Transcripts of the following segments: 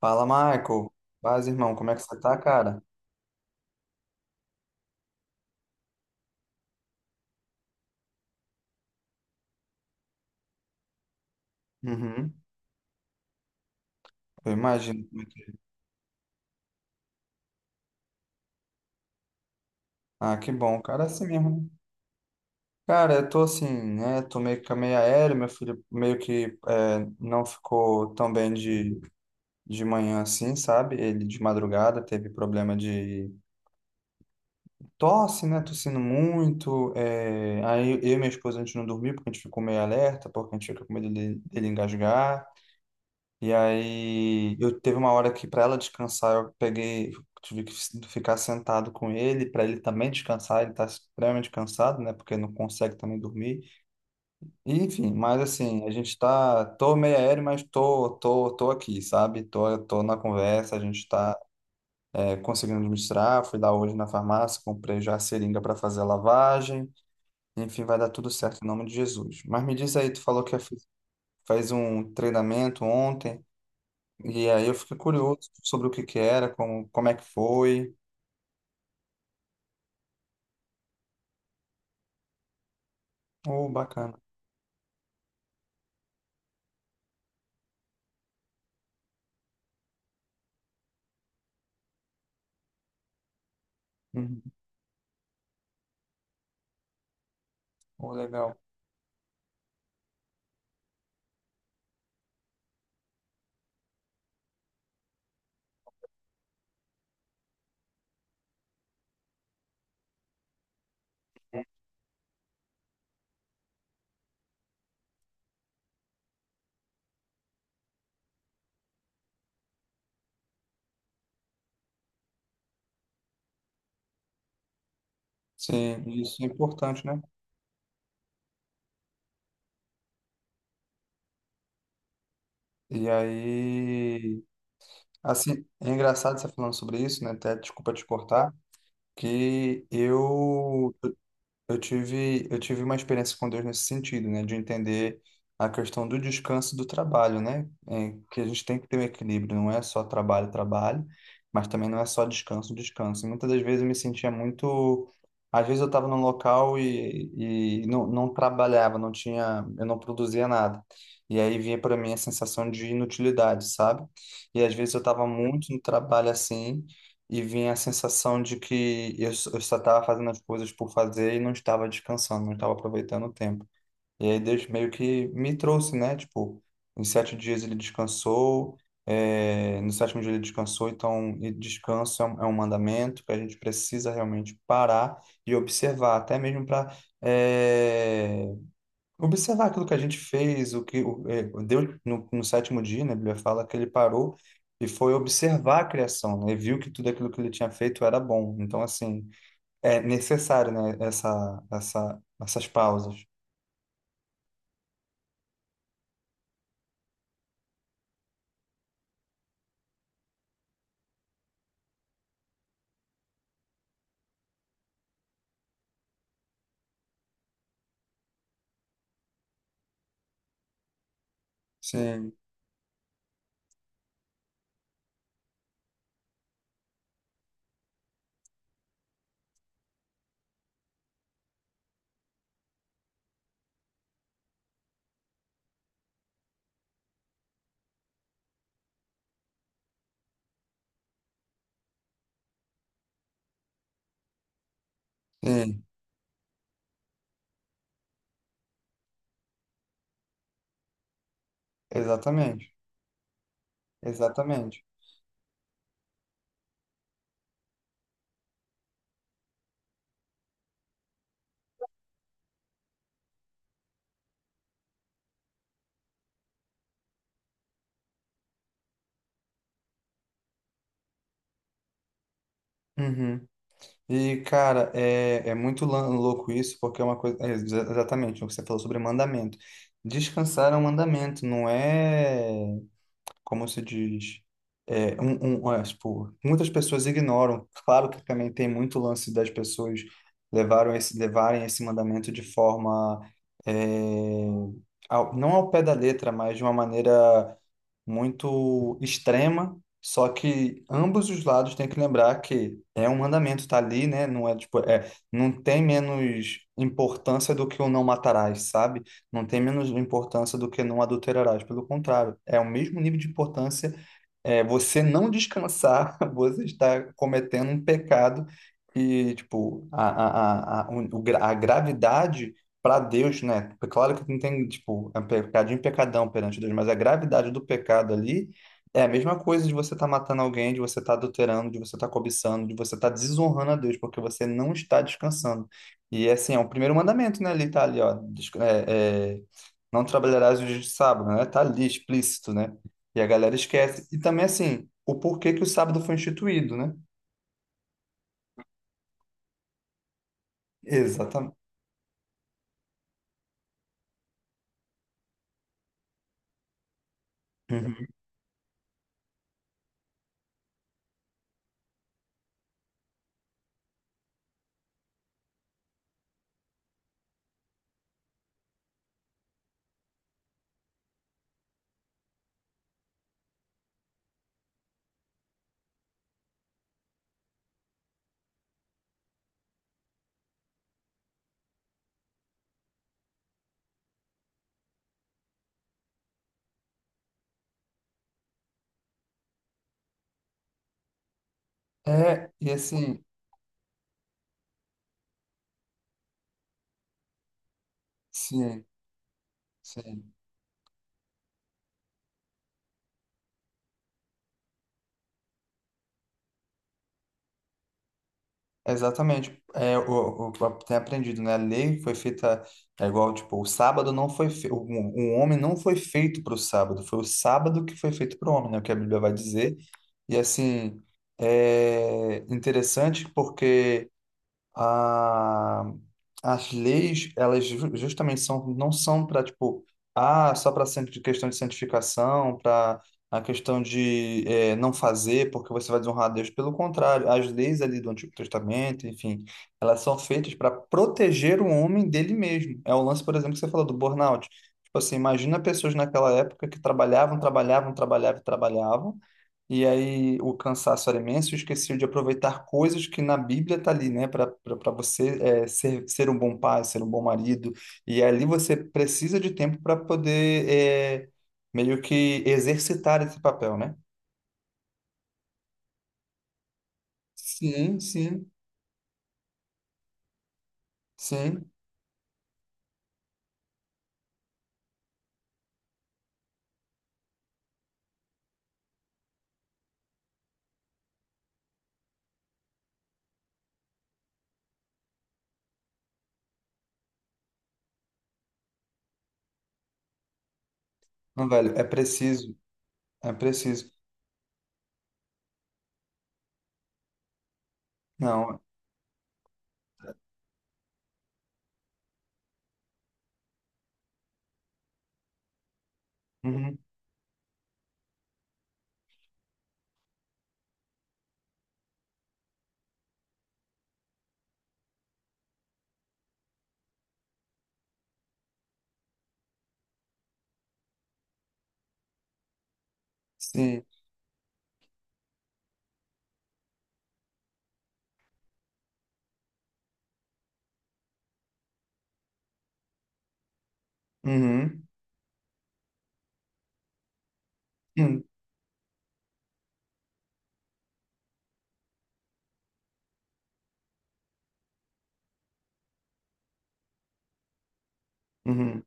Fala, Michael. Paz, irmão, como é que você tá, cara? Uhum. Eu imagino como é que é. Ah, que bom, cara, é assim mesmo, né? Cara, eu tô assim, né? Tô meio que meio aéreo, meu filho meio que não ficou tão bem de manhã assim, sabe? Ele de madrugada teve problema de tosse, né? Tossindo muito. Aí eu e minha esposa, a gente não dormiu porque a gente ficou meio alerta, porque a gente fica com medo dele, dele engasgar. E aí eu teve uma hora que, para ela descansar, eu peguei, tive que ficar sentado com ele para ele também descansar, ele tá extremamente cansado, né, porque não consegue também dormir. E, enfim, mas assim, a gente tá, tô meio aéreo, mas tô, tô aqui, sabe? Tô, tô na conversa, a gente tá conseguindo administrar, fui lá hoje na farmácia, comprei já a seringa para fazer a lavagem. Enfim, vai dar tudo certo em nome de Jesus. Mas me diz aí, tu falou que fez um treinamento ontem. E aí eu fiquei curioso sobre o que que era, como, como é que foi. Oh, bacana. Uhum. Oh, legal. Sim, isso é importante, né? E aí, assim, é engraçado você falando sobre isso, né? Até desculpa te cortar, que eu tive, eu tive uma experiência com Deus nesse sentido, né? De entender a questão do descanso e do trabalho, né? É, que a gente tem que ter um equilíbrio, não é só trabalho, trabalho, mas também não é só descanso, descanso. E muitas das vezes eu me sentia muito. Às vezes eu estava num local e não, não trabalhava, não tinha, eu não produzia nada. E aí vinha para mim a sensação de inutilidade, sabe? E às vezes eu estava muito no trabalho assim e vinha a sensação de que eu só estava fazendo as coisas por fazer e não estava descansando, não estava aproveitando o tempo. E aí Deus meio que me trouxe, né? Tipo, em sete dias ele descansou, no sétimo dia ele descansou, então e descanso é é um mandamento que a gente precisa realmente parar e observar, até mesmo para observar aquilo que a gente fez, o que o, é, Deus no sétimo dia, né, a Bíblia fala que ele parou e foi observar a criação, né, e viu que tudo aquilo que ele tinha feito era bom. Então, assim, é necessário, né, essas pausas. Sim, sim, exatamente, exatamente. Uhum. E, cara, é muito louco isso, porque é uma coisa. Exatamente, o que você falou sobre mandamento. Descansar é um mandamento, não é. Como se diz, tipo, muitas pessoas ignoram. Claro que também tem muito lance das pessoas levarem esse mandamento de forma, é, não ao pé da letra, mas de uma maneira muito extrema, só que ambos os lados têm que lembrar que é um mandamento, tá ali, né? Não é tipo, é, não tem menos importância do que o não matarás, sabe? Não tem menos importância do que não adulterarás, pelo contrário, é o mesmo nível de importância, é, você não descansar, você está cometendo um pecado que tipo, a gravidade para Deus, né? É Claro que não tem, tipo, é um pecadinho e pecadão perante Deus, mas a gravidade do pecado ali é a mesma coisa de você estar matando alguém, de você estar adulterando, de você estar cobiçando, de você estar desonrando a Deus, porque você não está descansando. E, assim, é o primeiro mandamento, né? Ali tá ali, ó. Não trabalharás os dias de sábado, né? Tá ali explícito, né? E a galera esquece. E também, assim, o porquê que o sábado foi instituído, né? Exatamente. Uhum. É, e assim, sim, sim. Exatamente. Tem aprendido, né? A lei foi feita, é igual, tipo, o sábado não foi feito, o homem não foi feito para o sábado, foi o sábado que foi feito para o homem, né? O que a Bíblia vai dizer. E assim, é interessante porque a, as leis, elas justamente são, não são para, tipo, ah, só para questão de santificação, para a questão de eh, não fazer porque você vai desonrar a Deus. Pelo contrário, as leis ali do Antigo Testamento, enfim, elas são feitas para proteger o homem dele mesmo. É o lance, por exemplo, que você falou do burnout. Tipo assim, imagina pessoas naquela época que trabalhavam, trabalhavam, trabalhavam, e trabalhavam, e aí o cansaço era imenso, e esqueci de aproveitar coisas que na Bíblia tá ali, né? Para você ser um bom pai, ser um bom marido. E ali você precisa de tempo para poder é, meio que exercitar esse papel, né? Sim, sim, sim. Não, velho, é preciso, é preciso. Não, uhum, sim, uhum, uhum, uhum.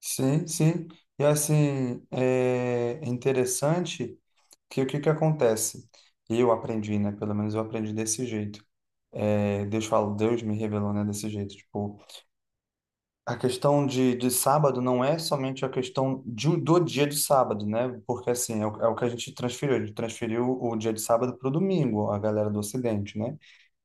Sim, sim. E assim, é interessante que o que que acontece? Eu aprendi, né? Pelo menos eu aprendi desse jeito. É, Deus fala, Deus me revelou, né? Desse jeito. Tipo, a questão de sábado não é somente a questão de, do dia de sábado, né? Porque assim, é é o que a gente transferiu. A gente transferiu o dia de sábado para o domingo, a galera do Ocidente, né?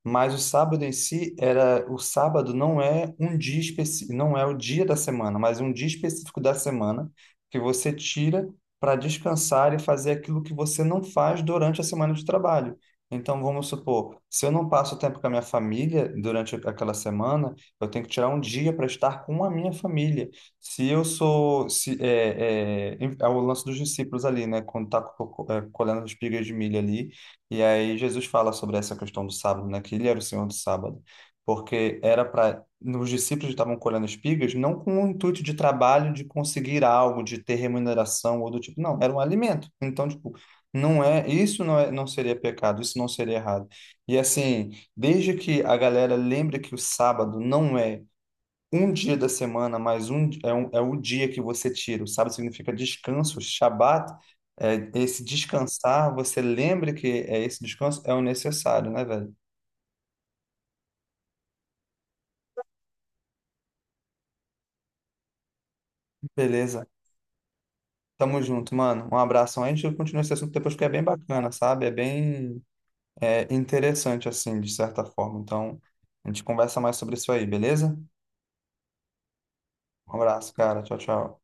Mas o sábado em si era, o sábado não é um dia específico, não é o dia da semana, mas um dia específico da semana que você tira para descansar e fazer aquilo que você não faz durante a semana de trabalho. Então, vamos supor, se eu não passo tempo com a minha família durante aquela semana, eu tenho que tirar um dia para estar com a minha família. Se eu sou, se, é, é, é o lance dos discípulos ali, né? Quando está colhendo as espigas de milho ali, e aí Jesus fala sobre essa questão do sábado, né? Que ele era o Senhor do sábado, porque era para os discípulos estavam colhendo espigas não com o intuito de trabalho, de conseguir algo, de ter remuneração ou do tipo, não, era um alimento. Então, tipo, não é, isso não é, não seria pecado, isso não seria errado. E assim, desde que a galera lembre que o sábado não é um dia da semana mais é o dia que você tira. O sábado significa descanso. Shabat é esse descansar. Você lembra que é esse descanso é o necessário, né, velho? Beleza. Tamo junto, mano. Um abração. A gente continua esse assunto depois porque é bem bacana, sabe? É bem é, interessante, assim, de certa forma. Então, a gente conversa mais sobre isso aí, beleza? Um abraço, cara. Tchau, tchau.